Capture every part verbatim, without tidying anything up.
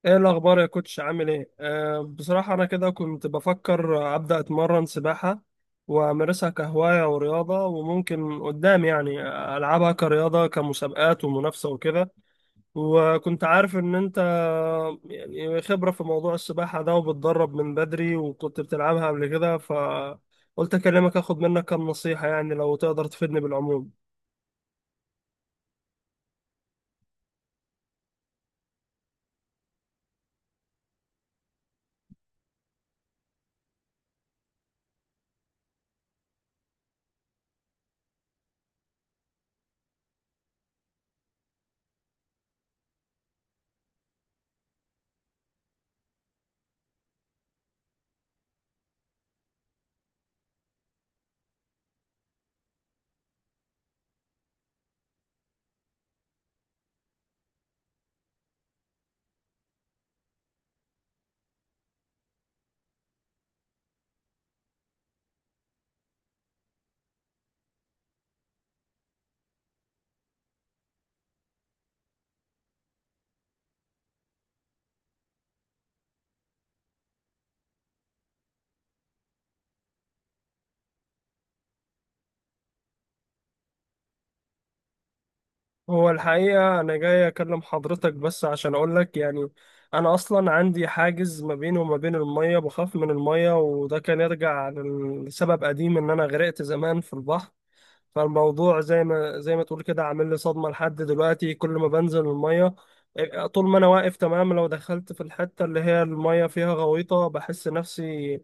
ايه الاخبار يا كوتش؟ عامل ايه؟ أه بصراحه انا كده كنت بفكر ابدا اتمرن سباحه وامارسها كهوايه ورياضه، وممكن قدام يعني العبها كرياضه كمسابقات ومنافسه وكده. وكنت عارف ان انت يعني خبره في موضوع السباحه ده، وبتدرب من بدري وكنت بتلعبها قبل كده، فقلت اكلمك اخد منك كام نصيحه، يعني لو تقدر تفيدني بالعموم. هو الحقيقة أنا جاي أكلم حضرتك بس عشان أقولك يعني أنا أصلا عندي حاجز ما بيني وما بين المية، بخاف من المية. وده كان يرجع لسبب قديم، إن أنا غرقت زمان في البحر. فالموضوع زي ما زي ما تقول كده عامل لي صدمة لحد دلوقتي. كل ما بنزل المية آه، طول ما أنا واقف تمام، لو دخلت في الحتة اللي هي المية فيها غويطة بحس نفسي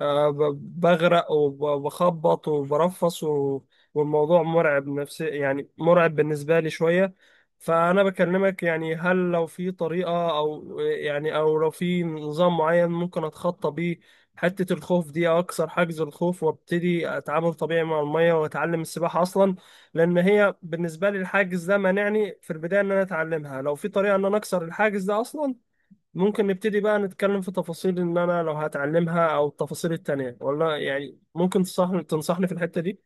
آه، ب- بغرق وبخبط وبرفص و- والموضوع مرعب نفسي، يعني مرعب بالنسبة لي شوية. فأنا بكلمك يعني هل لو في طريقة، أو يعني أو لو في نظام معين ممكن أتخطى بيه حتة الخوف دي، أو أكسر حاجز الخوف وأبتدي أتعامل طبيعي مع المية وأتعلم السباحة أصلا؟ لأن هي بالنسبة لي الحاجز ده مانعني في البداية إن أنا أتعلمها. لو في طريقة إن أنا أكسر الحاجز ده أصلا ممكن نبتدي بقى نتكلم في تفاصيل ان انا لو هتعلمها او التفاصيل التانية، ولا يعني ممكن تصحني تنصحني في الحتة دي.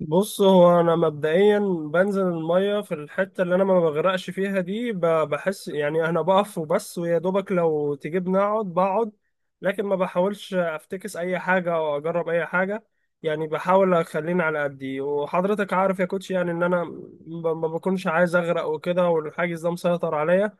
بص، هو انا مبدئيا بنزل المية في الحتة اللي انا ما بغرقش فيها دي، ب- بحس يعني انا بقف وبس، ويا دوبك لو تجيبني اقعد بقعد. لكن ما بحاولش افتكس اي حاجة او اجرب اي حاجة، يعني بحاول اخليني على قدي. وحضرتك عارف يا كوتش يعني ان انا ب- ما بكونش عايز اغرق وكده، والحاجز ده مسيطر عليا.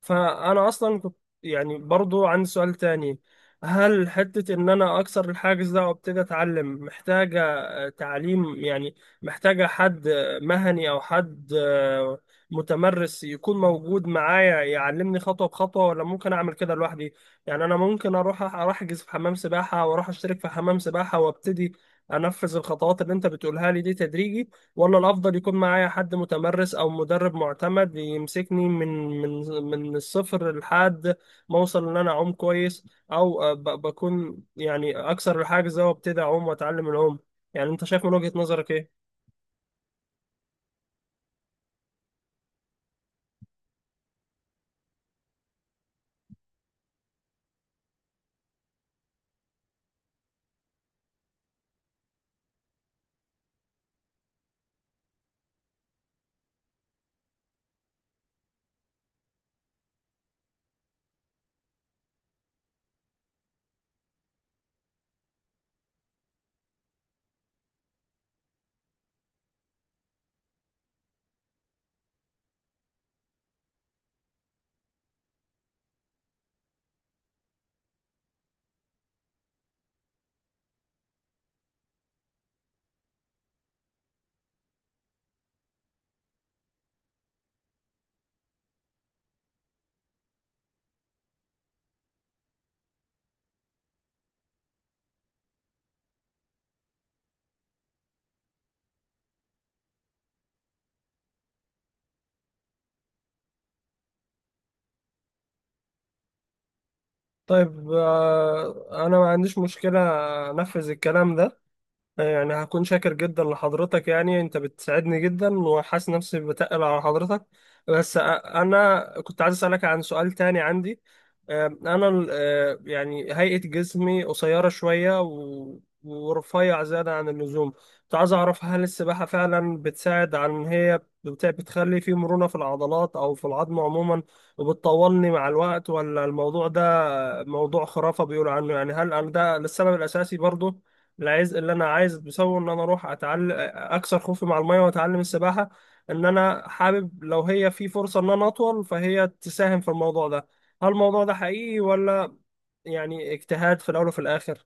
فانا اصلا كنت يعني برضو عندي سؤال تاني، هل حتة ان انا اكسر الحاجز ده وابتدي اتعلم محتاجة آه، تعليم؟ يعني محتاجة حد آه، مهني او حد آه، متمرس يكون موجود معايا يعلمني خطوة بخطوة، ولا ممكن اعمل كده لوحدي؟ يعني انا ممكن اروح اروح احجز في حمام سباحة، واروح اشترك في حمام سباحة وابتدي انفذ الخطوات اللي انت بتقولها لي دي تدريجي، ولا الأفضل يكون معايا حد متمرس أو مدرب معتمد يمسكني من من من الصفر لحد ما أوصل إن أنا أعوم كويس؟ أو آه، ب- بكون يعني أكسر الحاجز ده وأبتدي أعوم وأتعلم العوم. يعني أنت شايف من وجهة نظرك إيه؟ طيب آه، أنا ما عنديش مشكلة أنفذ الكلام ده، يعني هكون شاكر جدا لحضرتك. يعني انت بتساعدني جدا، وحاسس نفسي بتقل على حضرتك. بس أ- انا كنت عايز اسالك عن سؤال تاني عندي. أم، انا ال- أه، يعني هيئة جسمي قصيرة شوية و- ورفيع زيادة عن اللزوم. كنت عايز اعرف، هل السباحة فعلا بتساعد عن إن هي بت- بتخلي في مرونة في العضلات او في العظم عموما، وبتطولني مع الوقت؟ ولا الموضوع ده موضوع خرافة بيقولوا عنه يعني؟ هل ده السبب الاساسي برضو العايز اللي انا عايز بسوي ان انا اروح اتعلم اكسر خوفي مع الميه واتعلم السباحه؟ ان انا حابب لو هي في فرصه ان انا اطول فهي تساهم في الموضوع ده. هل الموضوع ده حقيقي، ولا يعني اجتهاد في الاول وفي الاخر؟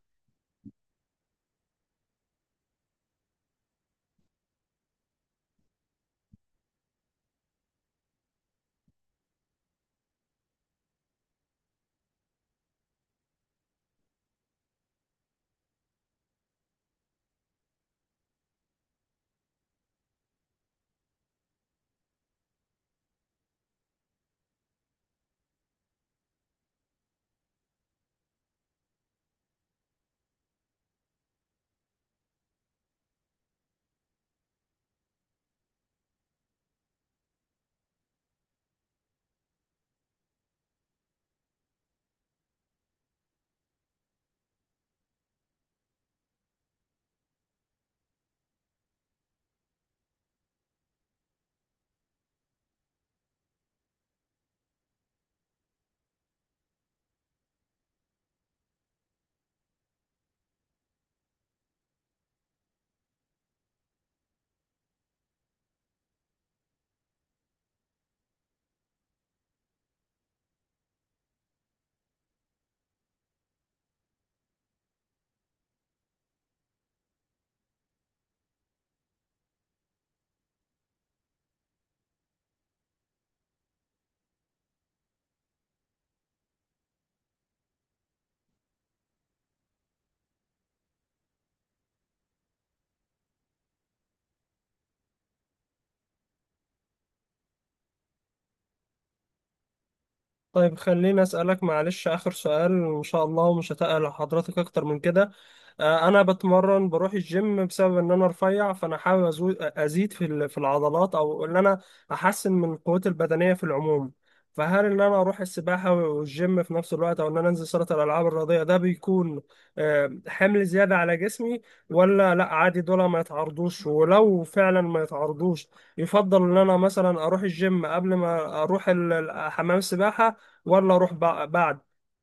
طيب خليني أسألك معلش آخر سؤال إن شاء الله، ومش هتقل على حضرتك أكتر من كده. آه، أنا بتمرن بروح الجيم بسبب إن أنا رفيع، فأنا حابب أزو- أزيد في ال- في العضلات، أو إن أنا أحسن من قوتي البدنية في العموم. فهل إن أنا أروح السباحة والجيم في نفس الوقت، أو إن أنا أنزل صالة الألعاب الرياضية ده بيكون آه، حمل زيادة على جسمي؟ ولا لأ عادي دول ما يتعرضوش؟ ولو فعلا ما يتعرضوش، يفضل ان انا مثلا اروح الجيم قبل ما اروح ال- ال- حمام السباحه، ولا اروح بع- بعد؟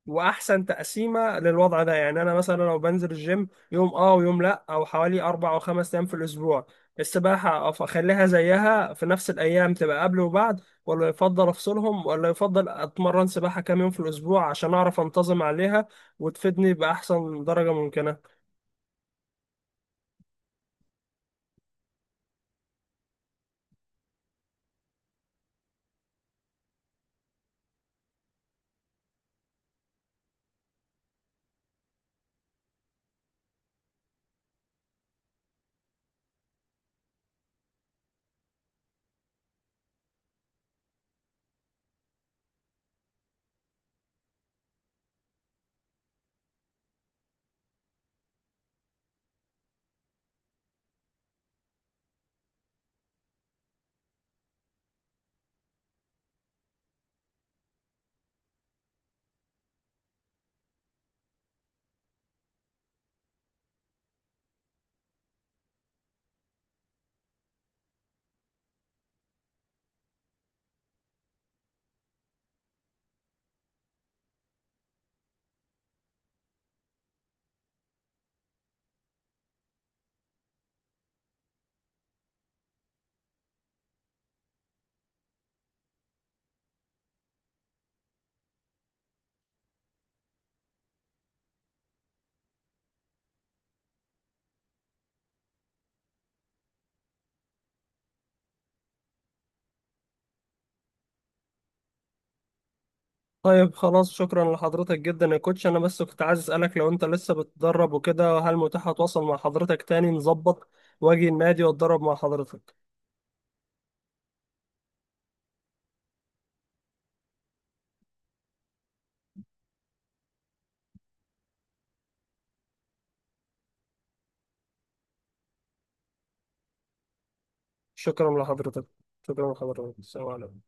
واحسن تقسيمه للوضع ده، يعني انا مثلا لو بنزل الجيم يوم اه ويوم لا، او حوالي اربع او خمس ايام في الاسبوع، السباحه أف- اخليها زيها في نفس الايام تبقى قبل وبعد، ولا يفضل افصلهم؟ ولا يفضل اتمرن سباحه كام يوم في الاسبوع عشان اعرف انتظم عليها وتفيدني باحسن درجه ممكنه؟ طيب خلاص، شكرا لحضرتك جدا يا كوتش. انا بس كنت عايز اسالك لو انت لسه بتتدرب وكده، هل متاح اتواصل مع حضرتك تاني نظبط واجي النادي واتدرب مع حضرتك؟ شكرا لحضرتك. شكرا لحضرتك، السلام عليكم.